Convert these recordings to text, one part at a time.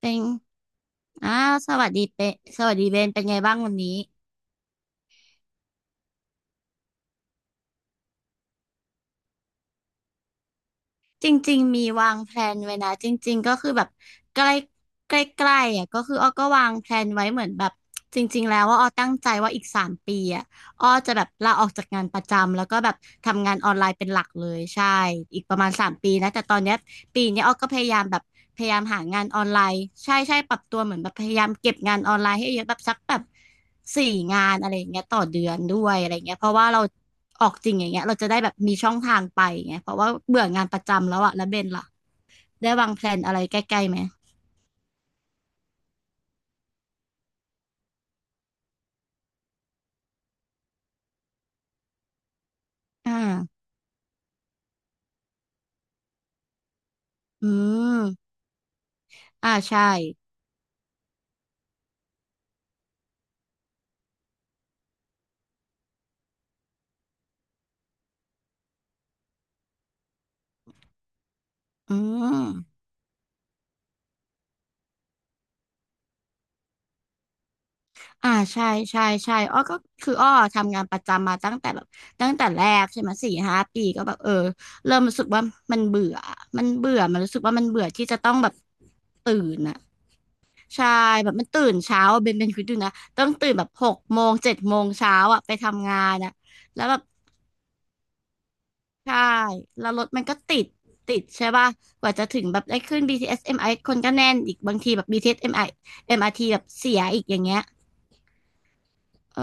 เป็นอ้าสวัสดีเปะสวัสดีเบนเป็นไงบ้างวันนี้จริงๆมีวางแพลนไว้นะจริงๆก็คือแบบใกล้ใกล้ใกล้ๆอ่ะก็คืออ้อก็วางแพลนไว้เหมือนแบบจริงๆแล้วว่าอ้อตั้งใจว่าอีกสามปีอ่ะอ้อจะแบบลาออกจากงานประจำแล้วก็แบบทำงานออนไลน์เป็นหลักเลยใช่อีกประมาณสามปีนะแต่ตอนเนี้ยปีเนี้ยอ้อก็พยายามแบบพยายามหางานออนไลน์ใช่ใช่ปรับตัวเหมือนแบบพยายามเก็บงานออนไล์ให้เยอะแบบสักแบบ สี่งานอะไรอย่างเงี้ยต่อเดือนด้วยอะไรเงี้ยเพราะว่าเราออกจริงอย่างเงี้ยเราจะได้แบบมีช่องทางไปไงเพราะว่าเบื่องานประจำแล้วอะแล้วเบนล่ะได้วางแผนอะไรใกล้ๆไหมอ่าอืมอ่าใช่อืมอ่าใช่ใช่ใช่อ้อก็คืออ้อทำงานประจำมาตั้งแต่แบบตั้งแต่แรกใช่ไหม4-5 ปีก็แบบเออเริ่มรู้สึกว่ามันเบื่อมันเบื่อมันรู้สึกว่ามันเบื่อที่จะต้องแบบตื่นอะ ใช่แบบมันตื่นเช้าอะเบนคิดดูนะต้องตื่นแบบ6 โมง7 โมงเช้าอ่ะไปทำงานอ่ะแล้วแบบใช่แล้วรถมันก็ติดติดใช่ป่ะกว่าจะถึงแบบได้ขึ้น BTS MRT คนก็แน่นอีกบางทีแบบ BTS m r MRT แบบเสียอีกอย่างเงี้ยเออ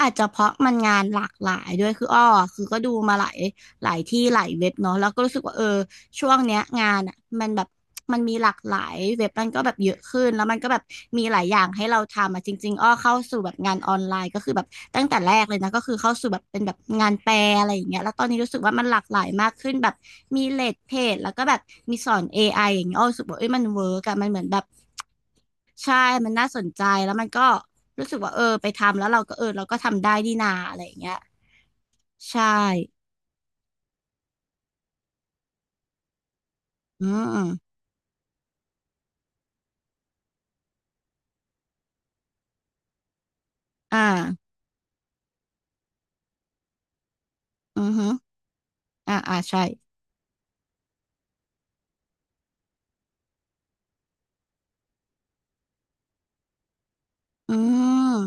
อาจจะเพราะมันงานหลากหลายด้วยคืออ้อคือก็ดูมาหลายหลายที่หลายเว็บเนาะแล้วก็รู้สึกว่าเออช่วงเนี้ยงานอ่ะมันแบบมันมีหลากหลายเว็บมันก็แบบเยอะขึ้นแล้วมันก็แบบมีหลายอย่างให้เราทำอ่ะจริงๆอ้อเข้าสู่แบบงานออนไลน์ก็คือแบบตั้งแต่แรกเลยนะก็คือเข้าสู่แบบเป็นแบบงานแปลอะไรอย่างเงี้ยแล้วตอนนี้รู้สึกว่ามันหลากหลายมากขึ้นแบบมีเลดเพจแล้วก็แบบมีสอน AI อไออย่างเงี้ยอ้อรู้สึกว่าเอ้ยมันเวิร์กอะมันเหมือนแบบ ใช่ มันน่าสนใจ แล้วมันก็รู้สึกว่าเออไปทำแล้วเราก็เออเราก็ทำได้ดีนาอะไรอย่างเงี้ยใช่อืมอ่าอือฮึอ่าอ่าใช่อืม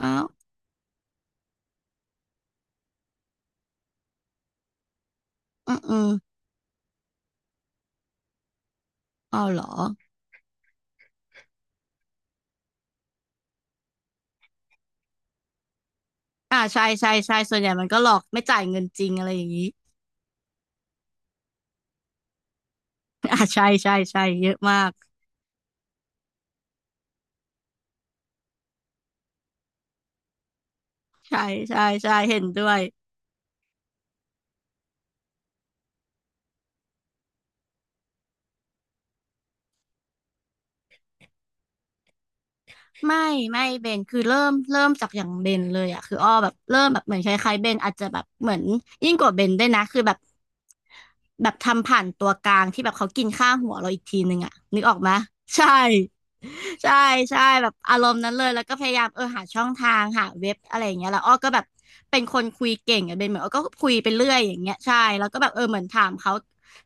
อ้าวอืมอืมอ้าวเหรออ่าใช่ใช่ใช่ส่วนใหญ่มันก็หลอกไม่จ่ายเงินจริงอะไรอย่างนี้อ่าใช่ใช่ใช่เยอะมากใช่ใช่ใช่เห็นด้วย ไม่ไม่เบนคือเริ่มเริ่มจากอย่างเบนเลยอะคืออ้อแบบเริ่มแบบเหมือนคล้ายๆเบนอาจจะแบบเหมือนยิ่งกว่าเบนด้วยนะคือแบบแบบทำผ่านตัวกลางที่แบบเขากินค่าหัวเราอีกทีนึงอะนึกออกไหมยใช่ ใช่ใช่แบบอารมณ์นั้นเลยแล้วก็พยายามเออหาช่องทางหาเว็บอะไรอย่างเงี้ยแล้วอ้อก็แบบเป็นคนคุยเก่งอะเป็นเหมือนอ้อก็คุยไปเรื่อยอย่างเงี้ยใช่แล้วก็แบบเออเหมือน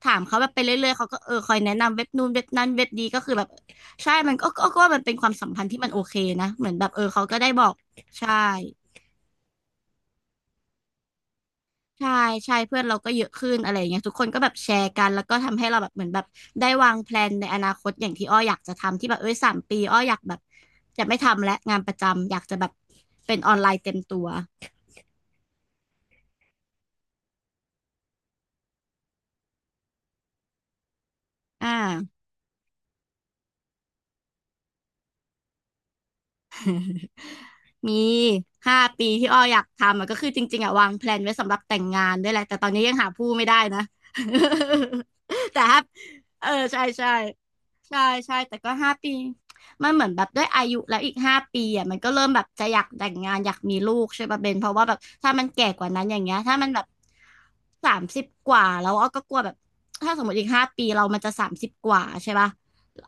ถามเขาแบบไปเรื่อยๆเขาก็เออคอยแนะนำเว็บนู่นเว็บนั้นเว็บนี้ก็คือแบบใช่มันก็ก็ว่ามันเป็นความสัมพันธ์ที่มันโอเคนะเหมือนแบบเออเขาก็ได้บอกใช่ ใช่ ใช่เพื่อนเราก็เยอะขึ้นอะไรอย่างเงี้ยทุกคนก็แบบแชร์กัน แล้วก็ทำให้เราแบบเหมือนแบบได้วางแพลนในอนาคตอย่างที่อ้ออยากจะทำที่แบบเอ้ยสามปีอ้ออยากแบบจะไม่ทำและงานประจำอยากจะแบบเป็นออนไลน์เต็มตัวอ่า มี5 ปีที่อ้ออยากทำอะก็คือจริงๆอะวางแพลนไว้สำหรับแต่งงานด้วยแหละแต่ตอนนี้ยังหาผู้ไม่ได้นะ แต่ถ้าเออใช่ใช่ใช่ใช่แต่ก็ห้าปีมันเหมือนแบบด้วยอายุแล้วอีกห้าปีอ่ะมันก็เริ่มแบบจะอยากแต่งงานอยากมีลูกใช่ป่ะเบนเพราะว่าแบบถ้ามันแก่กว่านั้นอย่างเงี้ยถ้ามันแบบสามสิบกว่าแล้วอ้อก็กลัวแบบถ้าสมมติอีกห้าปีเรามันจะสามสิบกว่าใช่ป่ะ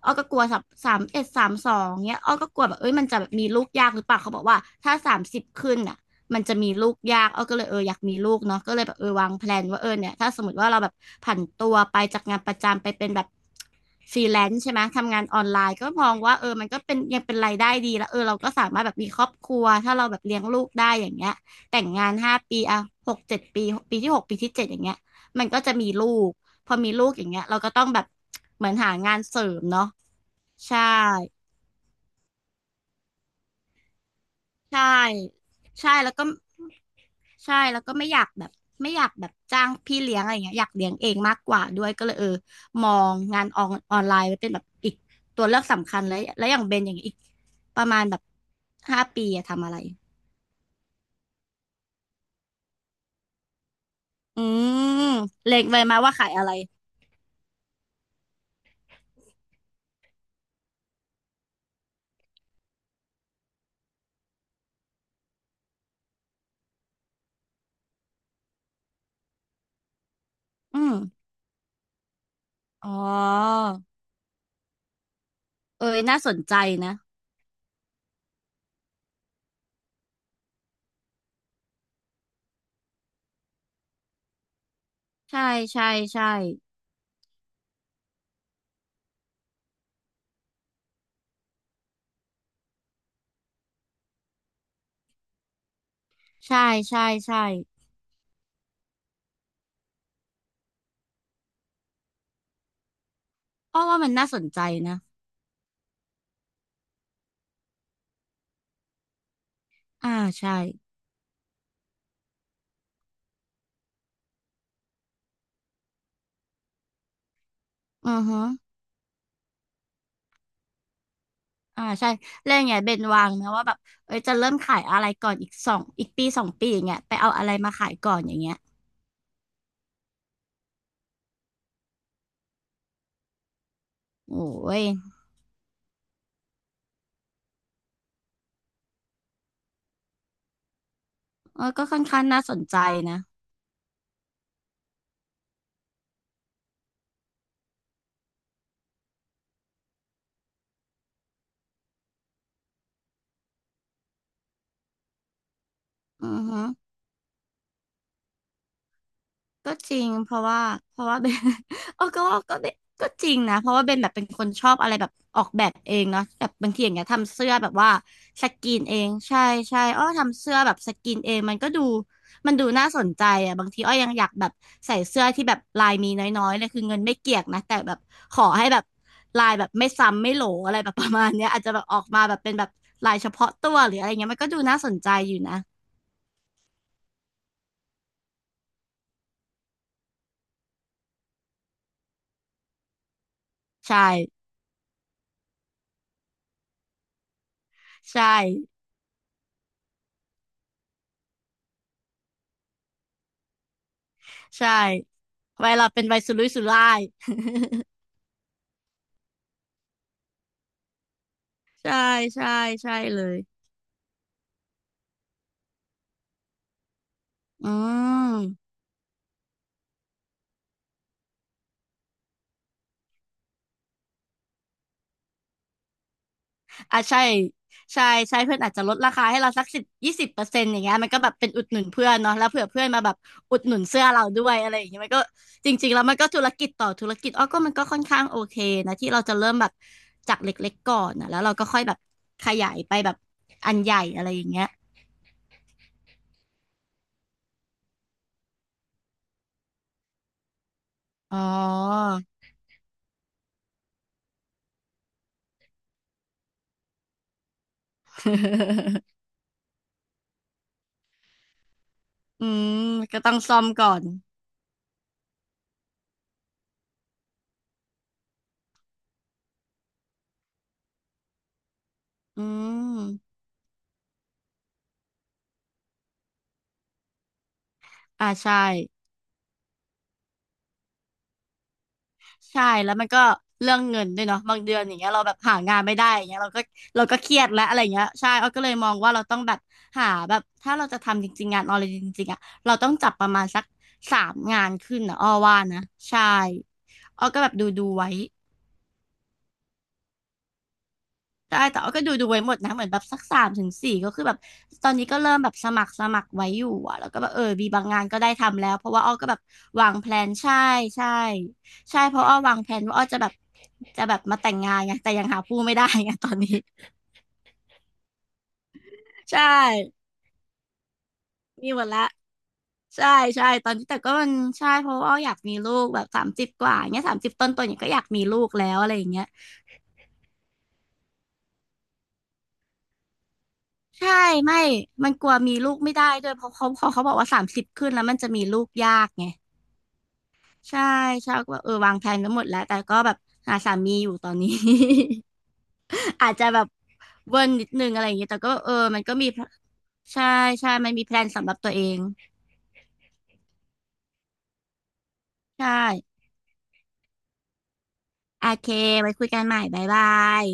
อ้อก็กลัวสับสามเอ็ดสามสองเนี้ยอ้อก็กลัวแบบเอ้ยมันจะแบบมีลูกยากหรือเปล่าเขาบอกว่าถ้าสามสิบขึ้นอ่ะมันจะมีลูกยากอ้อก็เลยเอออยากมีลูกเนาะก็เลยแบบเออวางแพลนว่าเออเนี่ยถ้าสมมติว่าเราแบบผันตัวไปจากงานประจำไปเป็นแบบฟรีแลนซ์ใช่ไหมทำงานออนไลน์ก็มองว่าเออมันก็เป็นยังเป็นรายได้ดีแล้วเออเราก็สามารถแบบมีครอบครัวถ้าเราแบบเลี้ยงลูกได้อย่างเงี้ยแต่งงานห้าปีอ่ะหกเจ็ดปีปีที่หกปีที่เจ็ดอย่างเงี้ยมันก็จะมีลูก พอมีลูกอย่างเงี้ยเราก็ต้องแบบเหมือนหางานเสริมเนาะใช่ใช่ใช่แล้วก็ใช่แล้วก็ไม่อยากแบบไม่อยากแบบจ้างพี่เลี้ยงอะไรเงี้ยอยากเลี้ยงเองมากกว่าด้วยก็เลยเออมองงานออนไลน์ไว้เป็นแบบอีกตัวเลือกสำคัญแล้วอย่างเบนอย่างเงี้ยอีกประมาณแบบห้าปีอะทำอะไรอืมเล็งไว้มาว่าขายอะไรอืมอ๋อเอ้ยน่าสนใจนะใช่ใช่ใช่ใช่ใช่ใช่อ้อว่ามันน่าสนใจนะ อ่าใช่อือฮึอ่าใช่แล้วอย่างเงี้ยเบนวางนะว่าแบบเอ้ยจะเริ่มขายอะไรก่อนอีกสองอีกปีสองปีอย่างเงี้ยไปเอาอะไรมาขายก่อนอย่างเงี้ยโอ้ยเออก็ค่อนข้างน่าสนใจนะอือฮึ ก็จริงเพราะว่าเพราะว่าเบน เออก็ว่าก็เบนก็จริงนะเพราะว่าเบนแบบเป็นคนชอบอะไรแบบออกแบบเองเนาะแบบบางทีอย่างเงี้ยทำเสื้อแบบว่าสกรีนเองใช่ใช่อ้อทำเสื้อแบบสกรีนเองมันก็ดูมันดูน่าสนใจอ่ะบางทีอ้อยังอยากแบบใส่เสื้อที่แบบลายมีน้อยๆเลยคือเงินไม่เกี่ยงนะแต่แบบขอให้แบบลายแบบไม่ซ้ำไม่โหลอะไรแบบประมาณเนี้ยอาจจะแบบออกมาแบบเป็นแบบลายเฉพาะตัวหรืออะไรเงี้ยมันก็ดูน่าสนใจอยู่นะใช่ใช่ ใช่ไวัยเราเป็นไวัยสุรุ่ยสุร่าย ใช่ใช่ใช่เลยอืมอ่ะใช่ใช่ใช่เพื่อนอาจจะลดราคาให้เราสักสิบยี่สิบเปอร์เซ็นต์อย่างเงี้ยมันก็แบบเป็นอุดหนุนเพื่อนเนาะแล้วเผื่อเพื่อนมาแบบอุดหนุนเสื้อเราด้วยอะไรอย่างเงี้ยมันก็จริงๆแล้วมันก็ธุรกิจต่อธุรกิจอ้อก็มันก็ค่อนข้างโอเคนะที่เราจะเริ่มแบบจากเล็กๆก่อนนะแล้วเราก็ค่อยแบบขยายไปแบบอันใหญ่อะไรอย่างเงี้ยอ๋อ อืมก็ต้องซ่อมก่อนอืม อ่าใช่ใช่แล้วมันก็เรื่องเงินด้วยเนาะบางเดือนอย่างเงี้ยเราแบบหางานไม่ได้อย่างเงี้ยเราก็เราก็เครียดแล้วอะไรเงี้ยใช่เอาก็เลยมองว่าเราต้องแบบหาแบบถ้าเราจะทำจริงๆงานออนไลน์จริงๆอ่ะเราต้องจับประมาณสักสามงานขึ้นนะอ้อว่านะใช่อ้อก็แบบดูดูไว้ ได้แต่ว่าก็ดูดูไว้หมดนะเหมือนแบบสักสามถึงสี่ก็คือแบบตอนนี้ก็เริ่มแบบสมัครไว้อยู่อะแล้วก็แบบเออมีบางงานก็ได้ทำแล้วเพราะว่าอ้อก็แบบวางแพลนใช่ใช่ใช่เพราะอ้อวางแพลนว่าอ้อจะแบบจะแบบมาแต่งงานไงแต่ยังหาผู้ไม่ได้ไงตอนนี้ใช่มีหมดละใช่ใช่ตอนนี้แต่ก็มันใช่เพราะว่าอ้ออยากมีลูกแบบสามสิบกว่าอย่างเงี้ยสามสิบต้นๆอย่างเงี้ยก็อยากมีลูกแล้วอะไรอย่างเงี้ยใช่ไม่มันกลัวมีลูกไม่ได้ด้วยเพราะเขาบอกว่าสามสิบขึ้นแล้วมันจะมีลูกยากไง ใช่ใช่ก็แบบเออวางแผนไว้หมดแล้วแต่ก็แบบหาสามีอยู่ตอนนี้ อาจจะแบบเวิร์นนิดนึงอะไรอย่างเงี้ยแต่ก็เออมันก็มีแพลนใช่ใช่มันมีแพลนสำหรับตัวเองใช่โอเคไว้คุยกันใหม่บ๊ายบาย